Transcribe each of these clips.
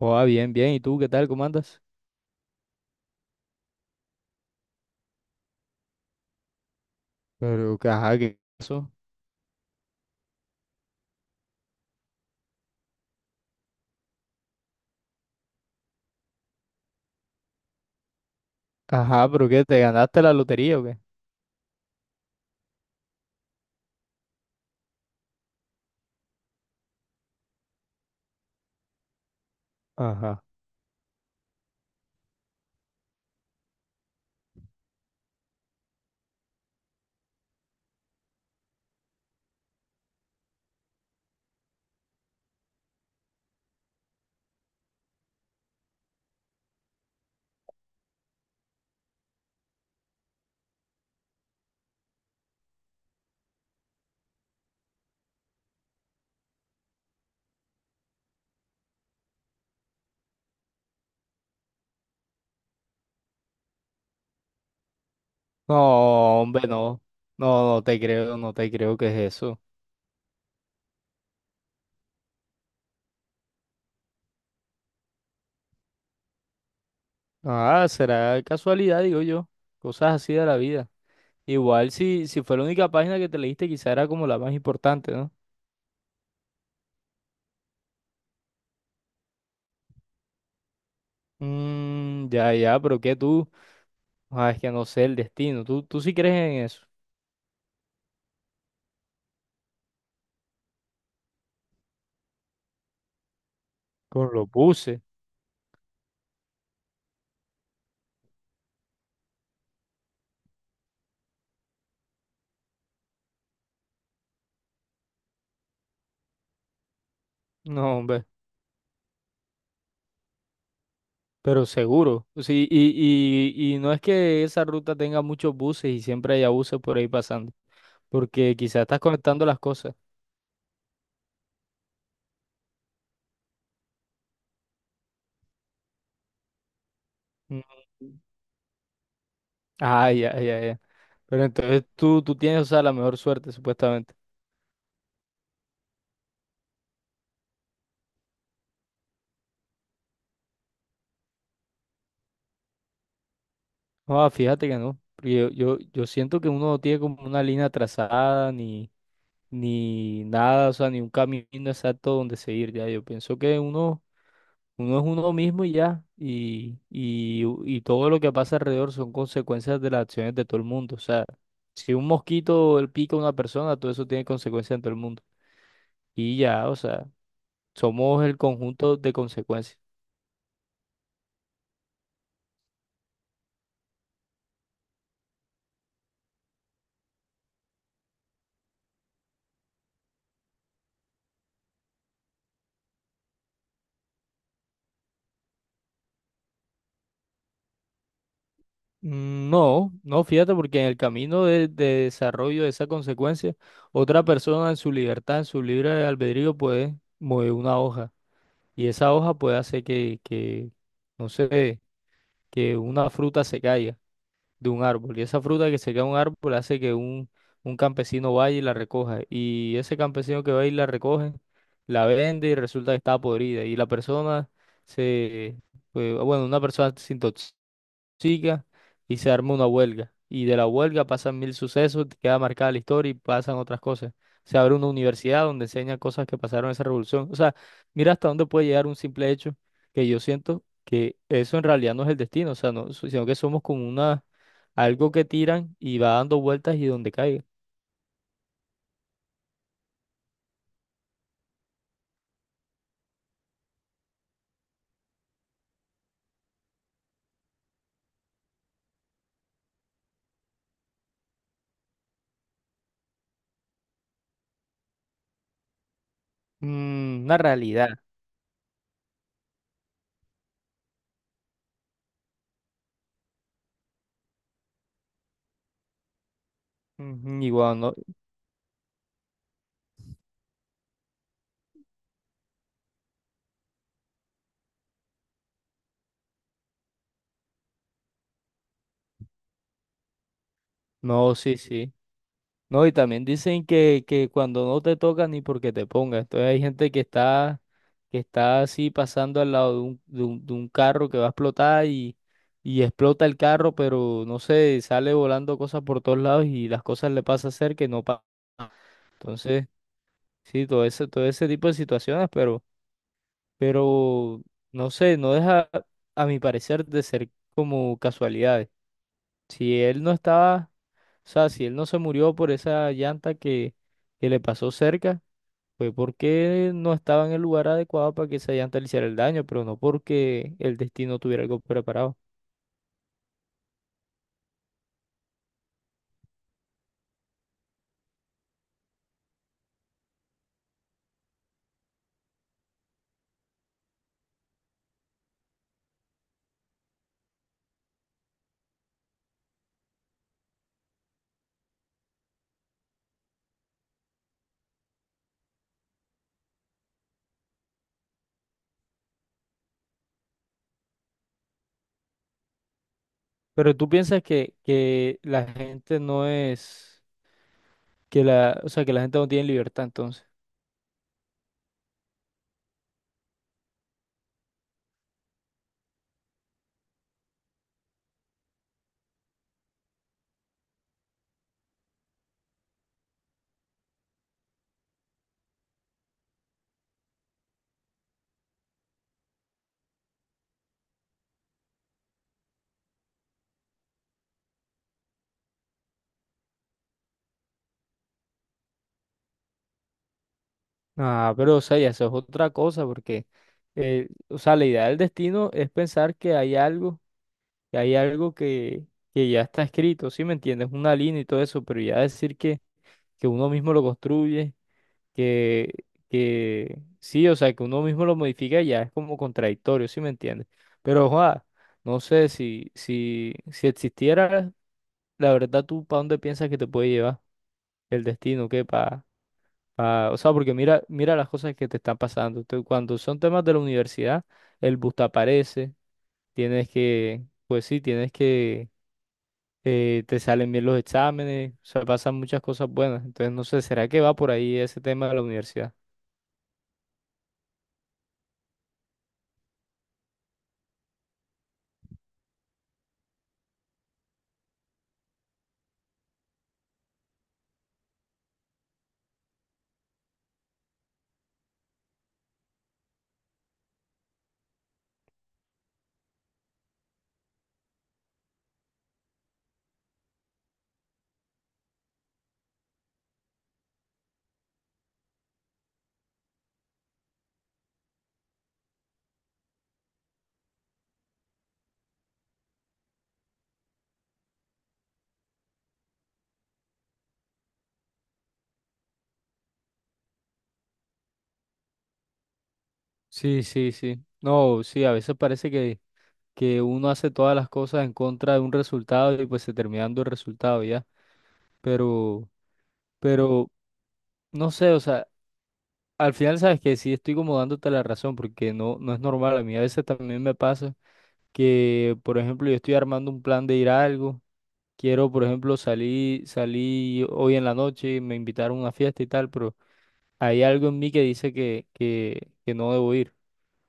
Oh, bien, bien. ¿Y tú qué tal? ¿Cómo andas? Pero, ajá, ¿qué pasó? Ajá, ¿pero qué? ¿Te ganaste la lotería o qué? Ajá. No, hombre, no. No, no te creo, no te creo que es eso. Ah, será casualidad, digo yo. Cosas así de la vida. Igual si fue la única página que te leíste, quizá era como la más importante, ¿no? Mmm, ya, ya, pero ¿qué tú? Ah, es que no sé el destino. ¿Tú sí crees en eso? Con lo puse. No, hombre. Pero seguro, sí, y no es que esa ruta tenga muchos buses y siempre haya buses por ahí pasando, porque quizás estás conectando las cosas. Mm. Ah, ya, ya, ya. Pero entonces tú tienes, o sea, la mejor suerte, supuestamente. No, fíjate que no, porque yo siento que uno no tiene como una línea trazada, ni nada, o sea, ni un camino exacto donde seguir, ya. Yo pienso que uno. Uno es uno mismo y ya. Y todo lo que pasa alrededor son consecuencias de las acciones de todo el mundo. O sea, si un mosquito le pica a una persona, todo eso tiene consecuencias en todo el mundo. Y ya, o sea, somos el conjunto de consecuencias. Mm. No, no, fíjate, porque en el camino de desarrollo de esa consecuencia, otra persona en su libertad, en su libre albedrío, puede mover una hoja. Y esa hoja puede hacer no sé, que una fruta se caiga de un árbol. Y esa fruta que se cae de un árbol hace que un campesino vaya y la recoja. Y ese campesino que va y la recoge, la vende y resulta que está podrida. Y la persona se, pues, bueno, una persona se intoxica y se arma una huelga. Y de la huelga pasan mil sucesos, queda marcada la historia y pasan otras cosas. Se abre una universidad donde enseña cosas que pasaron en esa revolución. O sea, mira hasta dónde puede llegar un simple hecho, que yo siento que eso en realidad no es el destino, o sea, no, sino que somos como una, algo que tiran y va dando vueltas y donde caiga. Mm, una realidad. Ujú. Igual, no, no, sí, sí. No, y también dicen que cuando no te toca ni porque te pongas. Entonces hay gente que está así pasando al lado de un, de un carro que va a explotar y explota el carro, pero no sé, sale volando cosas por todos lados y las cosas le pasa a ser que no pasa. Entonces, sí, todo ese tipo de situaciones, pero no sé, no deja, a mi parecer, de ser como casualidades. Si él no estaba, o sea, si él no se murió por esa llanta que le pasó cerca, fue porque no estaba en el lugar adecuado para que esa llanta le hiciera el daño, pero no porque el destino tuviera algo preparado. Pero tú piensas que la gente no es, que la, o sea, que la gente no tiene libertad entonces. Ah, pero o sea, ya eso es otra cosa, porque, o sea, la idea del destino es pensar que hay algo, que hay algo que ya está escrito, ¿sí me entiendes? Una línea y todo eso, pero ya decir que uno mismo lo construye, que, que sí, o sea, que uno mismo lo modifica ya es como contradictorio, ¿sí me entiendes? Pero, ojalá, no sé si existiera, la verdad, ¿tú para dónde piensas que te puede llevar el destino? ¿Qué? Ah, o sea, porque mira, mira las cosas que te están pasando. Tú, cuando son temas de la universidad, el bus te aparece, tienes que, pues sí, tienes que, te salen bien los exámenes, o sea, pasan muchas cosas buenas. Entonces, no sé, ¿será que va por ahí ese tema de la universidad? Sí, sí, sí. No, sí, a veces parece que uno hace todas las cosas en contra de un resultado y pues se termina dando el resultado ya. Pero, pero, no sé, o sea. Al final sabes que sí estoy como dándote la razón porque no, no es normal. A mí a veces también me pasa que, por ejemplo, yo estoy armando un plan de ir a algo. Quiero, por ejemplo, salir hoy en la noche, me invitaron a una fiesta y tal, pero hay algo en mí que dice que no debo ir.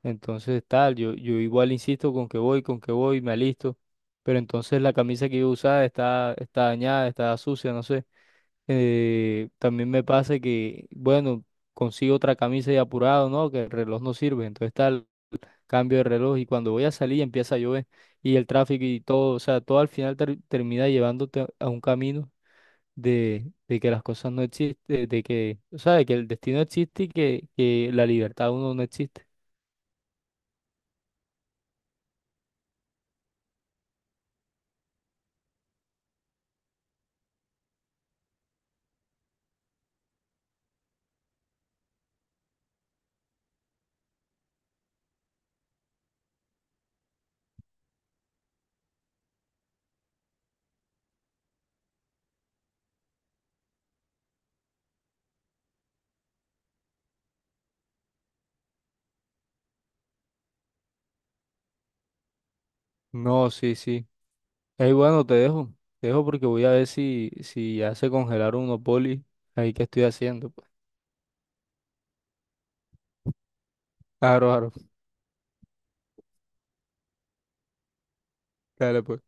Entonces, tal, yo igual insisto con que voy, me alisto. Pero entonces la camisa que yo usaba está, está dañada, está sucia, no sé. También me pasa que, bueno, consigo otra camisa y apurado, ¿no? Que el reloj no sirve. Entonces tal, cambio de reloj y cuando voy a salir empieza a llover y el tráfico y todo, o sea, todo al final termina llevándote a un camino de que las cosas no existen, de que, o sea, de que el destino existe y que la libertad de uno no existe. No, sí, sí. Ey, bueno, te dejo. Te dejo porque voy a ver si ya se congelaron unos polis ahí que estoy haciendo. Pues. Claro, claro. Dale, pues.